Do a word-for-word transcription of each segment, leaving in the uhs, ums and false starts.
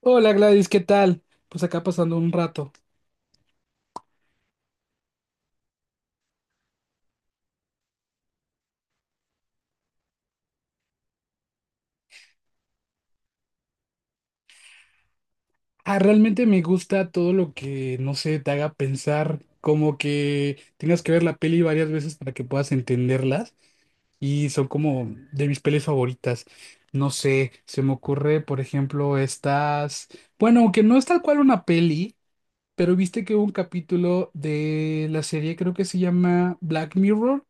Hola Gladys, ¿qué tal? Pues acá pasando un rato. Ah, realmente me gusta todo lo que, no sé, te haga pensar, como que tengas que ver la peli varias veces para que puedas entenderlas y son como de mis pelis favoritas. No sé, se me ocurre, por ejemplo, estas, bueno, aunque no es tal cual una peli, pero viste que hubo un capítulo de la serie, creo que se llama Black Mirror,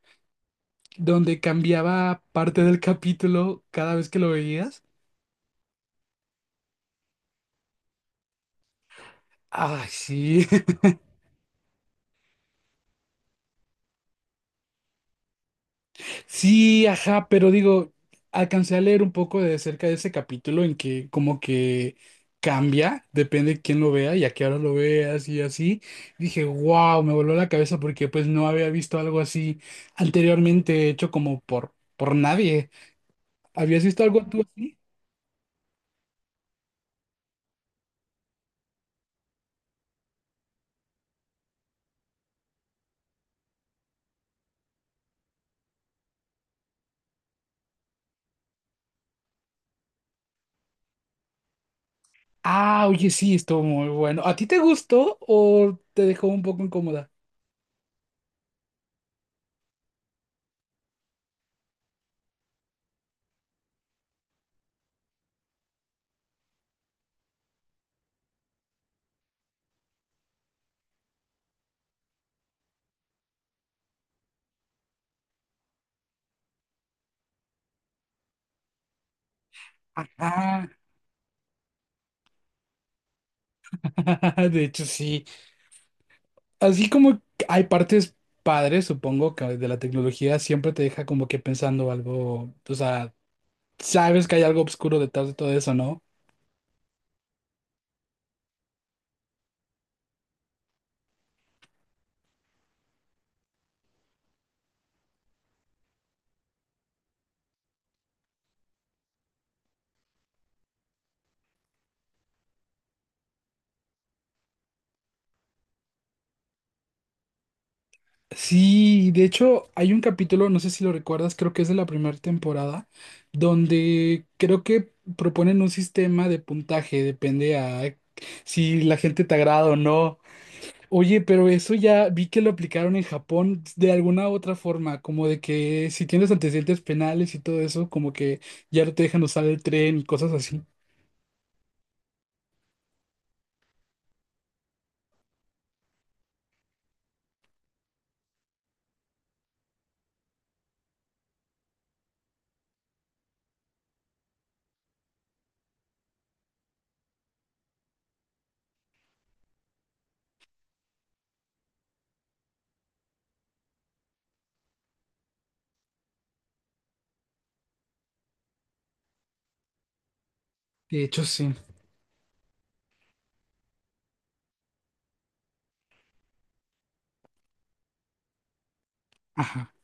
donde cambiaba parte del capítulo cada vez que lo veías. Ay, sí. Sí, ajá, pero digo, alcancé a leer un poco de cerca de ese capítulo en que como que cambia, depende de quién lo vea y a qué hora lo veas y así. Dije, wow, me voló la cabeza porque pues no había visto algo así anteriormente hecho como por, por nadie. ¿Habías visto algo tú así? Ah, oye, sí, estuvo muy bueno. ¿A ti te gustó o te dejó un poco incómoda? Ajá, de hecho sí. Así como hay partes padres, supongo que de la tecnología siempre te deja como que pensando algo, o sea, sabes que hay algo oscuro detrás de todo eso, ¿no? Sí, de hecho hay un capítulo, no sé si lo recuerdas, creo que es de la primera temporada, donde creo que proponen un sistema de puntaje, depende a si la gente te agrada o no. Oye, pero eso ya vi que lo aplicaron en Japón de alguna otra forma, como de que si tienes antecedentes penales y todo eso, como que ya no te dejan usar el tren y cosas así. De hecho, sí. Ajá,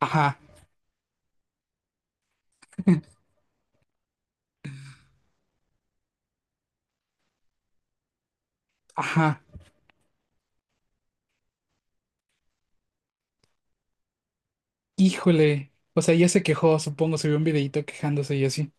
ajá, ajá. Híjole. O sea, ella se quejó, supongo, subió un videito quejándose y así.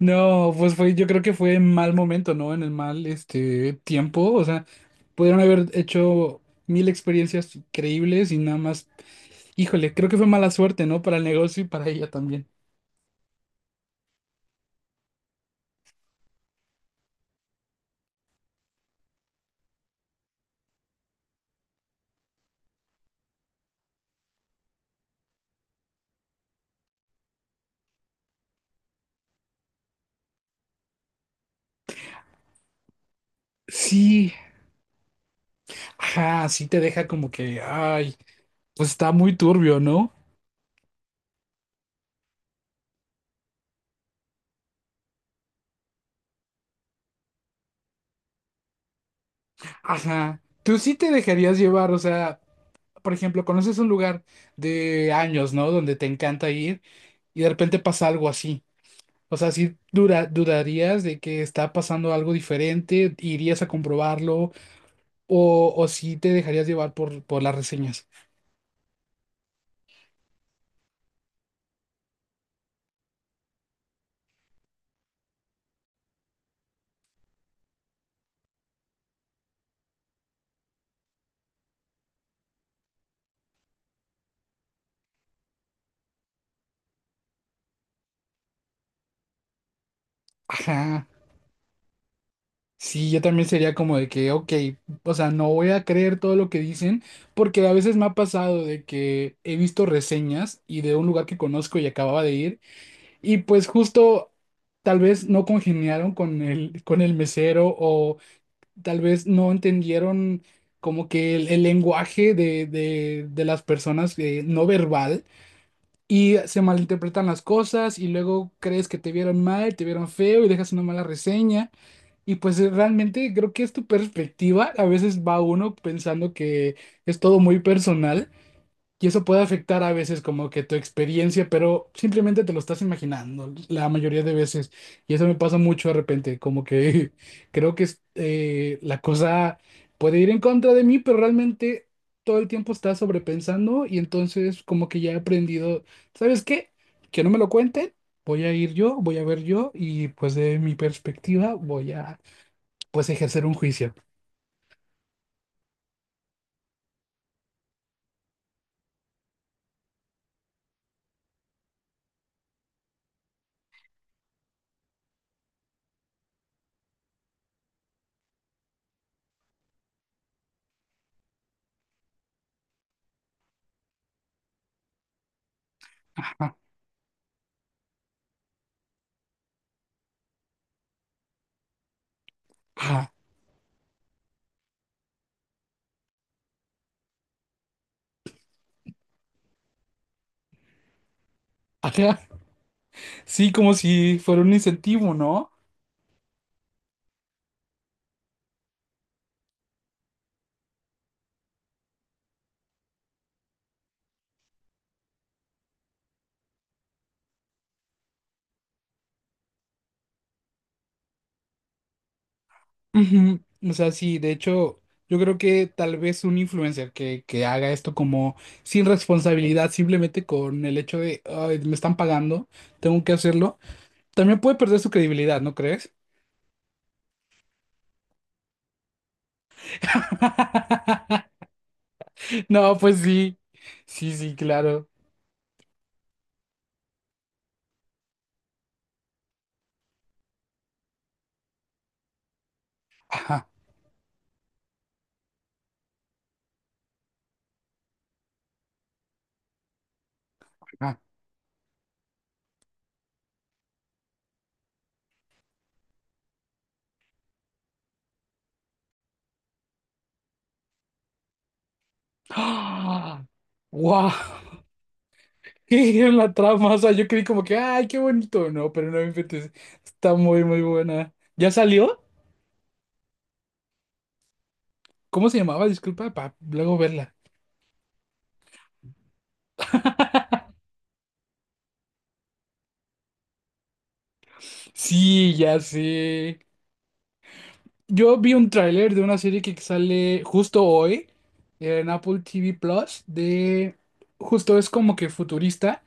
No, pues fue, yo creo que fue en mal momento, ¿no? En el mal, este, tiempo. O sea, pudieron haber hecho mil experiencias increíbles y nada más. Híjole, creo que fue mala suerte, ¿no? Para el negocio y para ella también. Sí, ajá, sí te deja como que, ay, pues está muy turbio, ¿no? Ajá, tú sí te dejarías llevar, o sea, por ejemplo, conoces un lugar de años, ¿no? Donde te encanta ir y de repente pasa algo así. O sea, sí dura- dudarías de que está pasando algo diferente, irías a comprobarlo o, o sí te dejarías llevar por, por las reseñas. Ajá. Sí, yo también sería como de que, ok, o sea, no voy a creer todo lo que dicen, porque a veces me ha pasado de que he visto reseñas y de un lugar que conozco y acababa de ir, y pues justo tal vez no congeniaron con el, con el mesero o tal vez no entendieron como que el, el lenguaje de, de, de las personas eh, no verbal y se malinterpretan las cosas y luego crees que te vieron mal, te vieron feo y dejas una mala reseña. Y pues eh, realmente creo que es tu perspectiva. A veces va uno pensando que es todo muy personal y eso puede afectar a veces como que tu experiencia, pero simplemente te lo estás imaginando la mayoría de veces. Y eso me pasa mucho de repente, como que creo que es, eh, la cosa puede ir en contra de mí, pero realmente todo el tiempo estás sobrepensando y entonces como que ya he aprendido, ¿sabes qué? Que no me lo cuenten. Voy a ir yo, voy a ver yo y pues de mi perspectiva voy a pues ejercer un juicio. Ajá, ajá, ajá. Sí, como si fuera un incentivo, ¿no? Ujú. O sea, sí, de hecho, yo creo que tal vez un influencer que, que haga esto como sin responsabilidad, simplemente con el hecho de, "Ay, me están pagando, tengo que hacerlo, también puede perder su credibilidad, ¿no crees? No, pues sí, sí, sí, claro. Ajá, ajá. ¡Ah! ¡Guau! ¿Qué era la trama? O sea, yo creí como que, ay, qué bonito. No, pero no me inventes. Está muy, muy buena. ¿Ya salió? ¿Cómo se llamaba? Disculpa, para luego verla. Sí, ya sé. Yo vi un tráiler de una serie que sale justo hoy en Apple T V Plus de... Justo es como que futurista.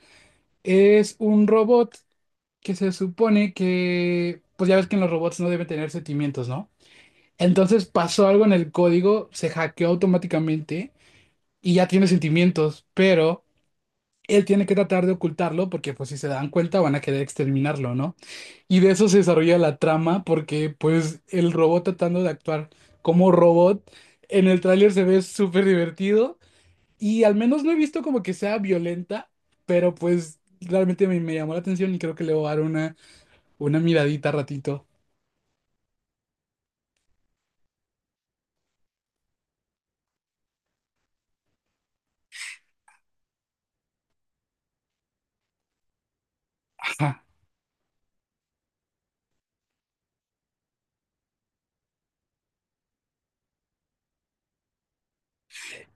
Es un robot que se supone que... Pues ya ves que en los robots no deben tener sentimientos, ¿no? Entonces pasó algo en el código, se hackeó automáticamente y ya tiene sentimientos, pero él tiene que tratar de ocultarlo porque pues si se dan cuenta van a querer exterminarlo, ¿no? Y de eso se desarrolla la trama porque pues el robot tratando de actuar como robot en el tráiler se ve súper divertido y al menos no he visto como que sea violenta, pero pues realmente me, me llamó la atención y creo que le voy a dar una, una miradita ratito. Ajá,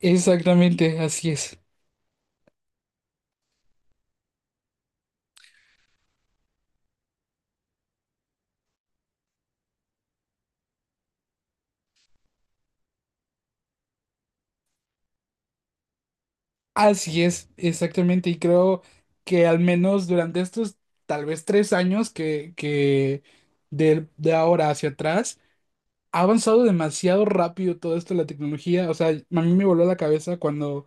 exactamente, así es. Así es, exactamente, y creo que al menos durante estos tal vez tres años que, que de, de ahora hacia atrás, ha avanzado demasiado rápido todo esto de la tecnología. O sea, a mí me voló la cabeza cuando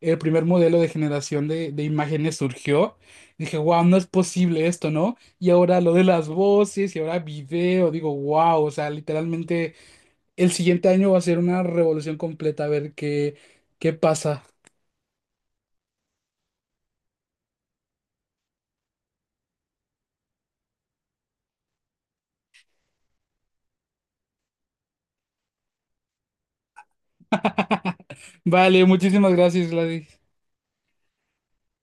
el primer modelo de generación de, de imágenes surgió. Dije, wow, no es posible esto, ¿no? Y ahora lo de las voces y ahora video, digo, wow, o sea, literalmente el siguiente año va a ser una revolución completa a ver qué, qué pasa. Vale, muchísimas gracias, Gladys.